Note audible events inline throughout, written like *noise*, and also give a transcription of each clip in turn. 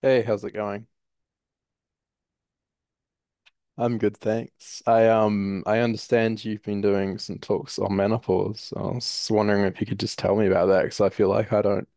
Hey, how's it going? I'm good, thanks. I understand you've been doing some talks on menopause. I was wondering if you could just tell me about that because I feel like I don't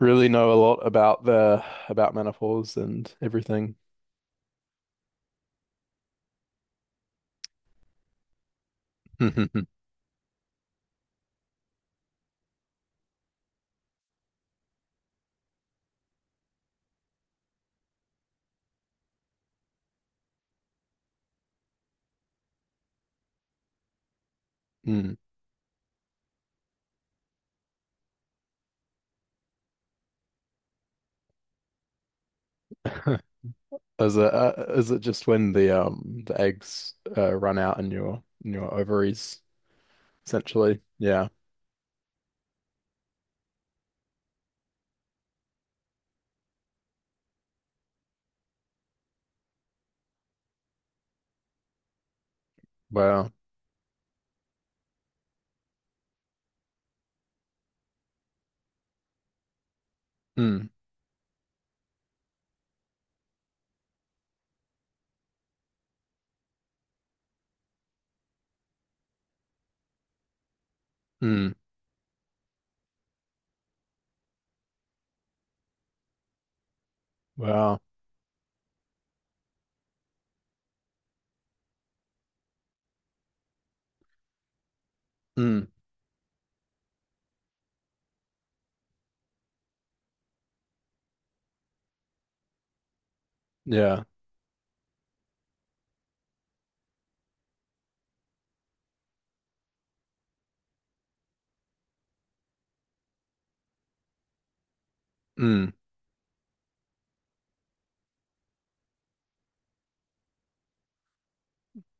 really know a lot about the about menopause and everything. *laughs* Mm. *laughs* Is it just when the eggs run out in your ovaries essentially? Yeah. Wow. Mm. Mm. Wow. Mm. Yeah. Mm.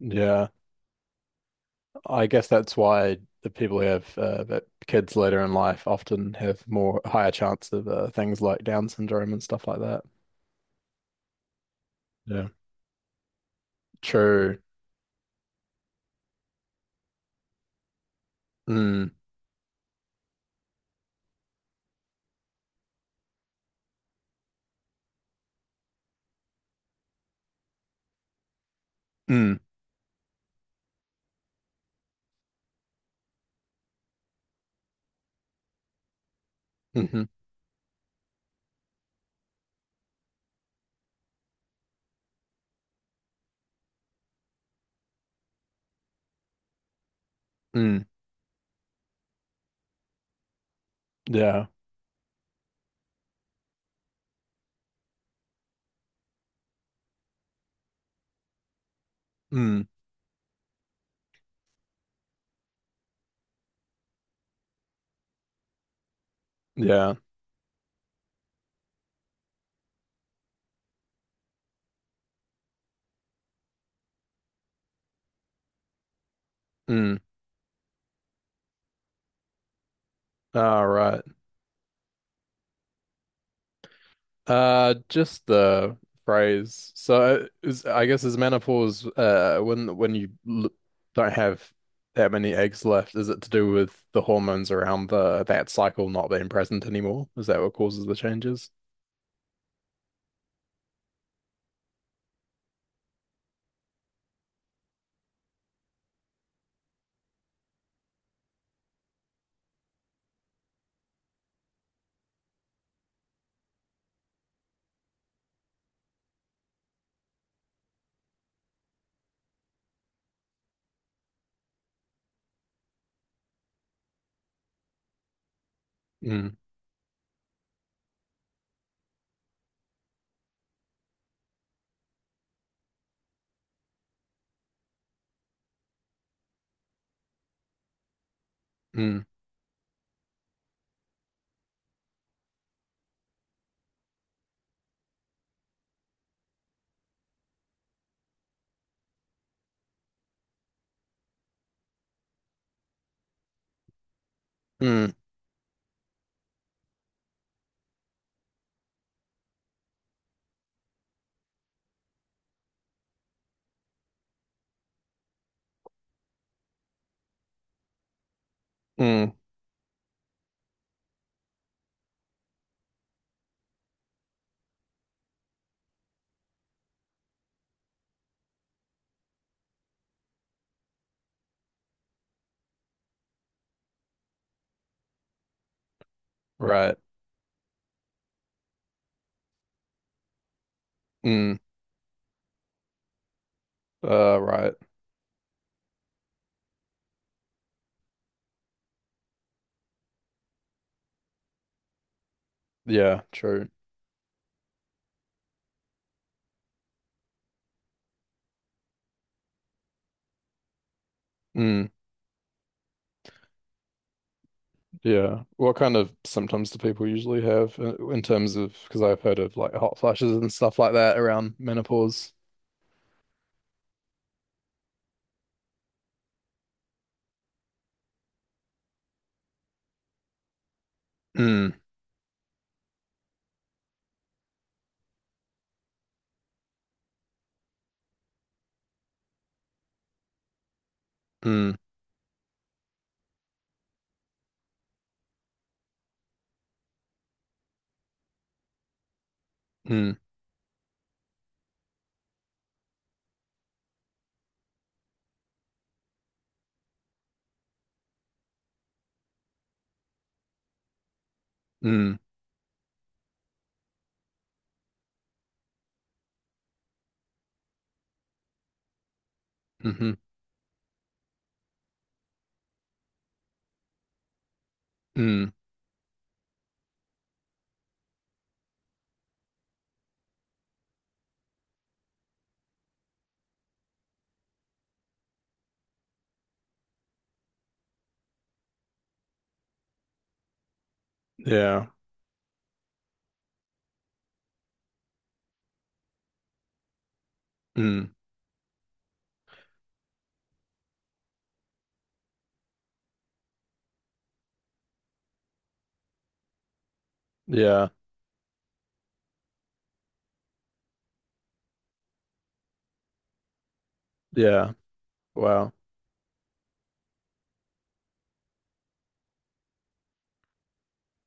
Yeah. I guess that's why the people who have that kids later in life often have more higher chance of things like Down syndrome and stuff like that. Yeah. True. Mm. Mm. Mm-hmm. Mm. Yeah. Mm. Yeah. Mm. All right. Just the phrase. So I guess is menopause when you l don't have that many eggs left, is it to do with the hormones around the that cycle not being present anymore? Is that what causes the changes? Mm, mm, mm, mm, right. Mm, right. Yeah, true. Mm, yeah. What kind of symptoms do people usually have in terms of, because I've heard of like hot flashes and stuff like that around menopause. Mm, mm, mm, mm, mm-hmm, mm, yeah, mm, yeah, yeah. Wow.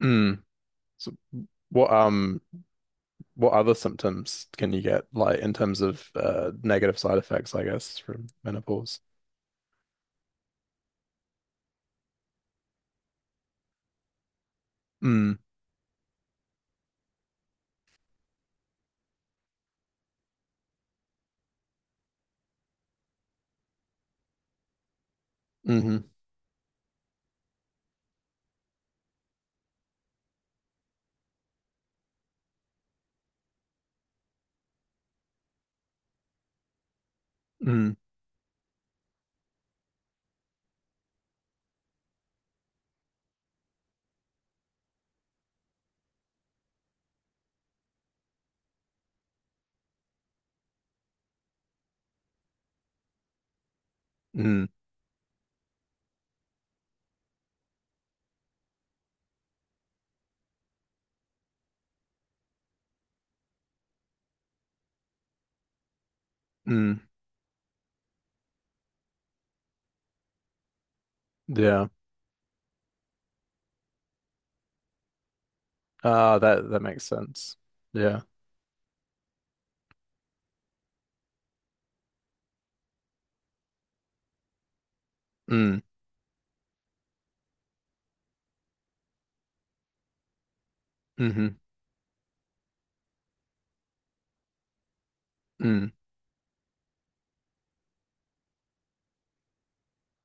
Mm. So what, um, what other symptoms can you get like in terms of negative side effects, I guess, from menopause? Mm, hmm Mm, mm, mm. Yeah. Ah, that makes sense. Yeah. Mm, hmm mm.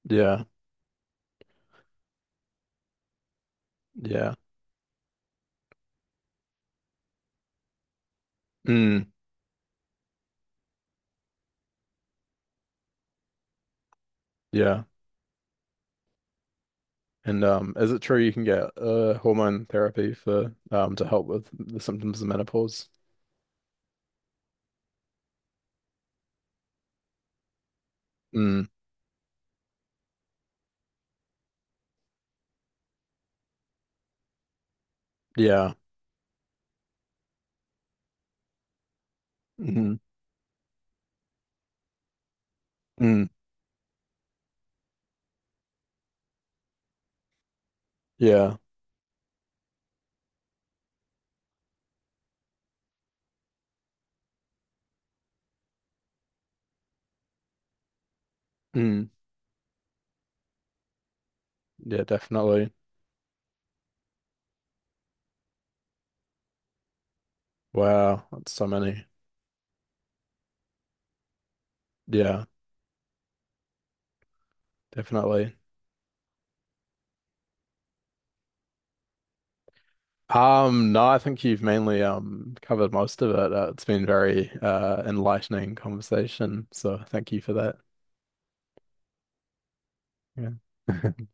Yeah. Yeah. Mm, yeah. And is it true you can get hormone therapy for to help with the symptoms of menopause? Mm, yeah. Mm, mm, yeah. Mm, yeah, definitely. Wow, that's so many. Yeah, definitely. No, I think you've mainly covered most of it. It's been very enlightening conversation, so thank you for that. Yeah. *laughs*